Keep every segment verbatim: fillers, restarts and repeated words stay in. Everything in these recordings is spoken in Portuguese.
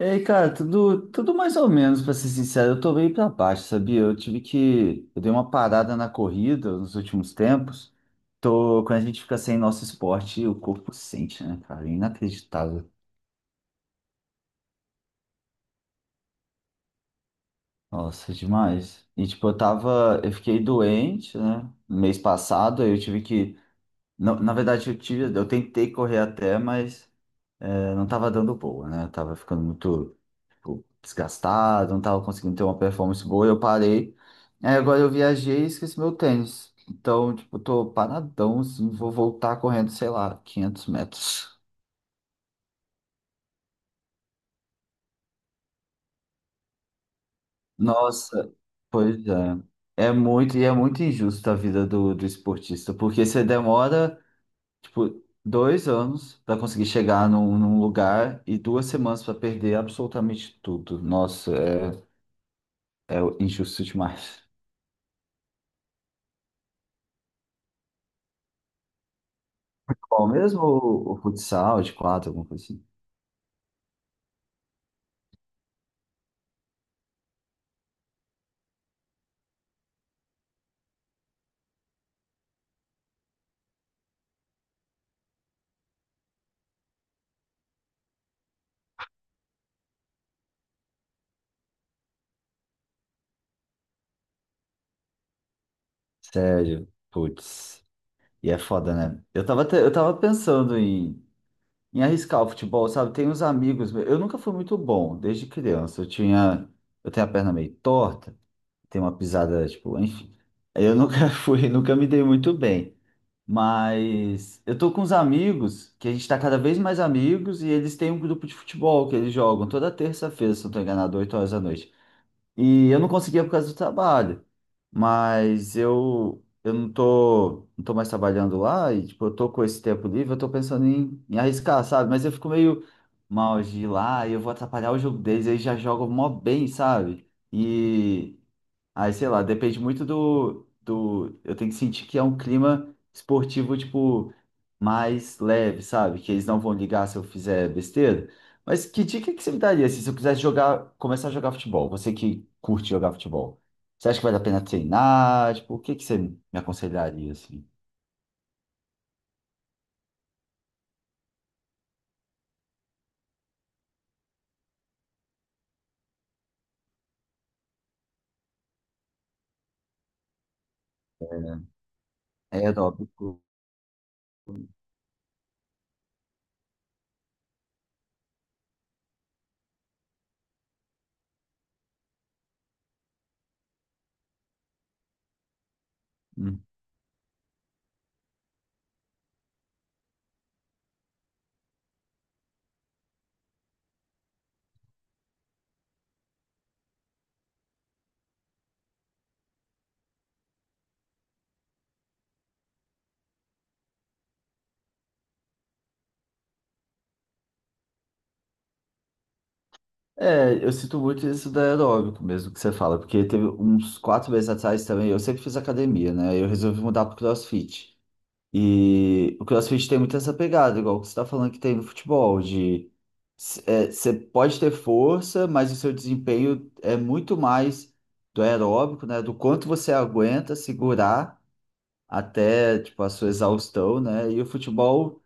E aí, cara, tudo, tudo mais ou menos, pra ser sincero, eu tô meio pra baixo, sabia? Eu tive que, eu dei uma parada na corrida nos últimos tempos. Tô, quando a gente fica sem nosso esporte, o corpo sente, né, cara? É inacreditável. Nossa, demais. E tipo, eu tava, eu fiquei doente, né? No mês passado, aí eu tive que, na, na verdade, eu tive, eu tentei correr até, mas eh, não tava dando boa, né? Eu tava ficando muito tipo, desgastado, não tava conseguindo ter uma performance boa, eu parei. Aí agora eu viajei e esqueci meu tênis. Então, tipo, tô paradão, assim, vou voltar correndo, sei lá, quinhentos metros. Nossa, pois é. É muito, e é muito injusto a vida do, do esportista, porque você demora, tipo, dois anos para conseguir chegar num, num lugar e duas semanas para perder absolutamente tudo. Nossa, é, é injusto demais. Bom, mesmo o, o futsal de quatro, alguma coisa assim. Sério, putz. E é foda, né? Eu tava, até- eu tava pensando em, em arriscar o futebol, sabe? Tem uns amigos. Eu nunca fui muito bom desde criança. Eu tinha. Eu tenho a perna meio torta, tenho uma pisada, tipo, enfim. Eu nunca fui, nunca me dei muito bem. Mas eu tô com uns amigos que a gente tá cada vez mais amigos e eles têm um grupo de futebol que eles jogam toda terça-feira, se não tô enganado, oito horas da noite. E eu não conseguia por causa do trabalho. Mas eu, eu não tô, não tô mais trabalhando lá e, tipo, eu tô com esse tempo livre, eu tô pensando em, em arriscar, sabe? Mas eu fico meio mal de ir lá e eu vou atrapalhar o jogo deles, eles já jogam mó bem, sabe? E aí, sei lá, depende muito do, do. Eu tenho que sentir que é um clima esportivo, tipo, mais leve, sabe? Que eles não vão ligar se eu fizer besteira. Mas que dica que você me daria assim, se eu quisesse jogar, começar a jogar futebol? Você que curte jogar futebol. Você acha que vale a pena treinar? Tipo, o que que você me aconselharia, assim? Aeróbico. Hum. É, eu sinto muito isso da aeróbico mesmo que você fala, porque teve uns quatro meses atrás também, eu sempre fiz academia, né? Eu resolvi mudar pro CrossFit. E o CrossFit tem muito essa pegada, igual que você está falando que tem no futebol, de você pode ter força, mas o seu desempenho é muito mais do aeróbico, né? Do quanto você aguenta segurar até tipo, a sua exaustão, né? E o futebol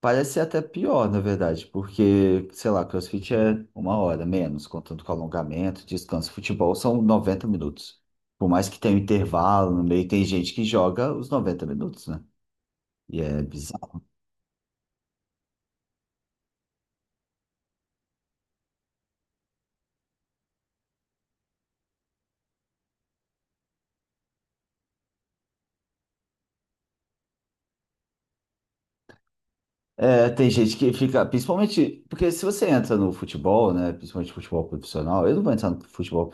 parece ser até pior, na verdade, porque, sei lá, CrossFit é uma hora menos, contando com alongamento, descanso. Futebol são noventa minutos. Por mais que tenha um intervalo no meio, tem gente que joga os noventa minutos, né? E é bizarro. É, tem gente que fica, principalmente, porque se você entra no futebol, né, principalmente futebol profissional, eu não vou entrar no futebol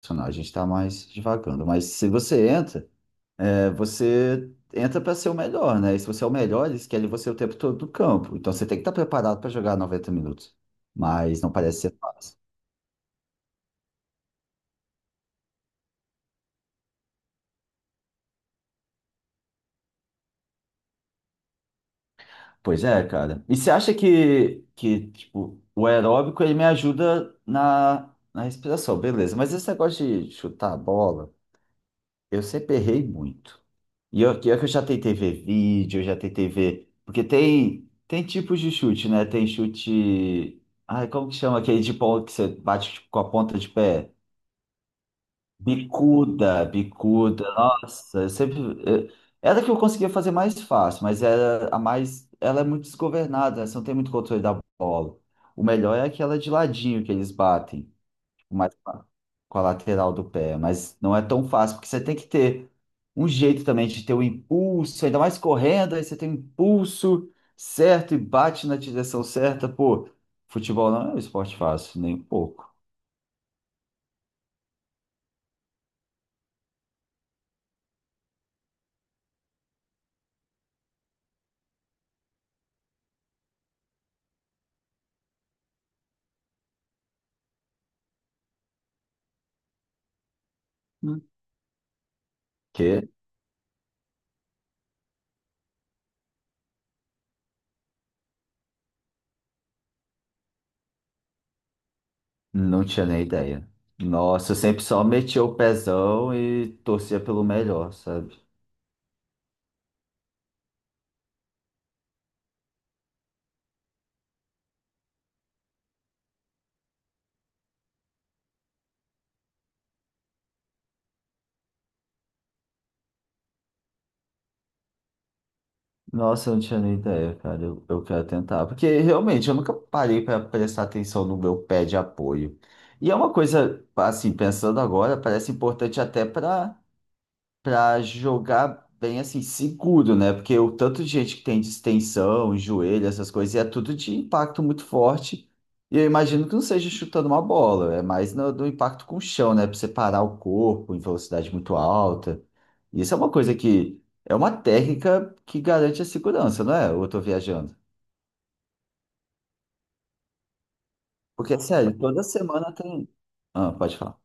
profissional, a gente está mais divagando, mas se você entra, é, você entra para ser o melhor, né? E se você é o melhor, eles querem você o tempo todo no campo. Então você tem que estar preparado para jogar noventa minutos. Mas não parece ser fácil. Pois é, cara. E você acha que, que tipo, o aeróbico ele me ajuda na, na respiração, beleza. Mas esse negócio de chutar a bola, eu sempre errei muito. E eu, que eu que eu já tentei ver vídeo, eu já tentei ver. Porque tem, tem tipos de chute, né? Tem chute. Ai, como que chama aquele de bola que você bate tipo, com a ponta de pé? Bicuda, bicuda. Nossa, eu sempre. eu- Era a que eu conseguia fazer mais fácil, mas era a mais. Ela é muito desgovernada, né? Você não tem muito controle da bola. O melhor é aquela de ladinho que eles batem. Tipo, mais com a lateral do pé, mas não é tão fácil, porque você tem que ter um jeito também de ter o impulso, ainda mais correndo, aí você tem um impulso certo e bate na direção certa. Pô, futebol não é um esporte fácil, nem um pouco. Hum. Que não tinha nem ideia. Nossa, eu sempre só metia o pezão e torcia pelo melhor, sabe? Nossa, eu não tinha nem ideia, cara. Eu, eu quero tentar. Porque realmente eu nunca parei para prestar atenção no meu pé de apoio. E é uma coisa, assim, pensando agora, parece importante até para para jogar bem assim, seguro, né? Porque o tanto de gente que tem distensão, joelho, essas coisas, e é tudo de impacto muito forte. E eu imagino que não seja chutando uma bola, é mais no, do impacto com o chão, né? Para separar o corpo em velocidade muito alta. Isso é uma coisa que é uma técnica que garante a segurança, não é? Ou eu tô viajando. Porque, sério, toda semana tem. Ah, pode falar.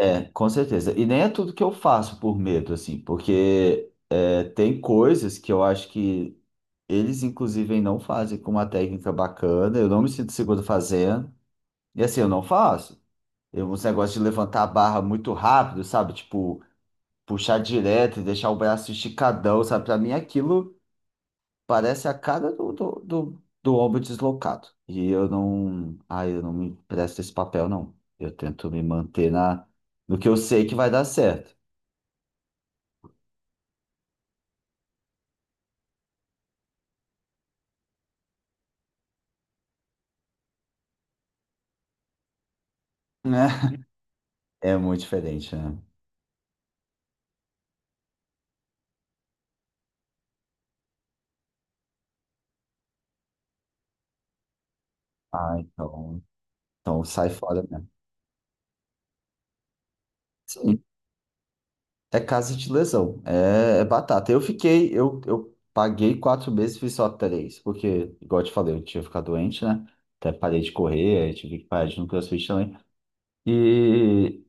É, com certeza. E nem é tudo que eu faço por medo, assim, porque é, tem coisas que eu acho que eles, inclusive, não fazem com uma técnica bacana. Eu não me sinto seguro fazendo. E assim, eu não faço. Eu, uns negócios de levantar a barra muito rápido, sabe? Tipo, puxar direto e deixar o braço esticadão, sabe? Pra mim, aquilo parece a cara do, do, do, do ombro deslocado. E eu não. Ai, eu não me presto esse papel, não. Eu tento me manter na, no que eu sei que vai dar certo, né? É muito diferente, né? Ah, então. Então sai fora mesmo. Sim, é caso de lesão, é, é batata. Eu fiquei, eu, eu paguei quatro meses, e fiz só três, porque, igual eu te falei, eu tinha ficado doente, né? Até parei de correr, aí tive que parar de ir no CrossFit também. E,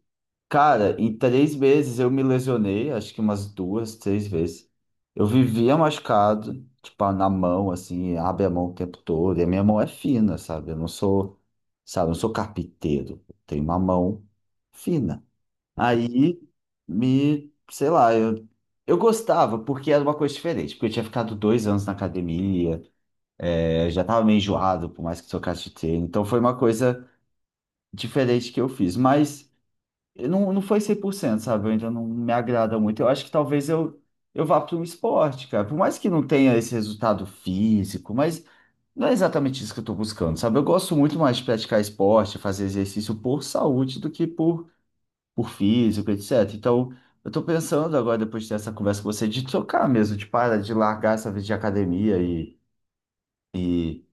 cara, em três meses eu me lesionei, acho que umas duas, três vezes. Eu vivia machucado, tipo, na mão, assim, abre a mão o tempo todo, e a minha mão é fina, sabe? Eu não sou, sabe, eu não sou carpinteiro, eu tenho uma mão fina. Aí me, sei lá, eu, eu gostava porque era uma coisa diferente, porque eu tinha ficado dois anos na academia, é, já tava meio enjoado, por mais que trocasse de treino, então foi uma coisa diferente que eu fiz, mas eu não, não foi cem por cento, sabe? Eu ainda não me agrada muito. Eu acho que talvez eu, eu vá para um esporte, cara, por mais que não tenha esse resultado físico, mas não é exatamente isso que eu tô buscando, sabe? Eu gosto muito mais de praticar esporte, fazer exercício por saúde do que por por físico, etcétera. Então, eu tô pensando agora, depois de ter essa conversa com você, de trocar mesmo, de parar de largar essa vida de academia e, e,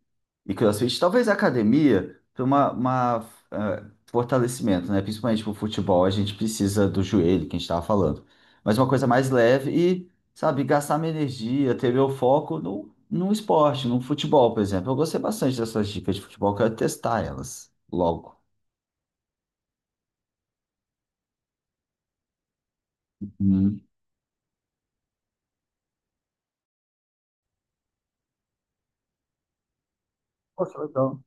e CrossFit. Talvez a academia para uma, uma, eh, fortalecimento, né? Principalmente pro futebol, a gente precisa do joelho, que a gente tava falando. Mas uma coisa mais leve e, sabe, gastar minha energia, ter meu foco no, no esporte, no futebol, por exemplo. Eu gostei bastante dessas dicas de futebol, quero testar elas logo. Hum. Poxa, legal.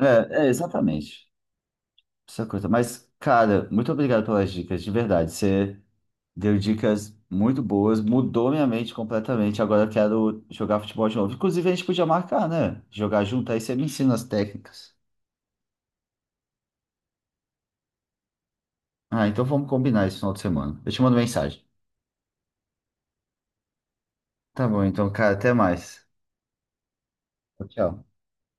É, é, exatamente. Essa coisa. Mas, cara, muito obrigado pelas dicas, de verdade. Você deu dicas muito boas, mudou minha mente completamente. Agora eu quero jogar futebol de novo. Inclusive, a gente podia marcar, né? Jogar junto, aí você me ensina as técnicas. Ah, então vamos combinar esse final de semana. Eu te mando mensagem. Tá bom, então, cara, até mais. Tchau.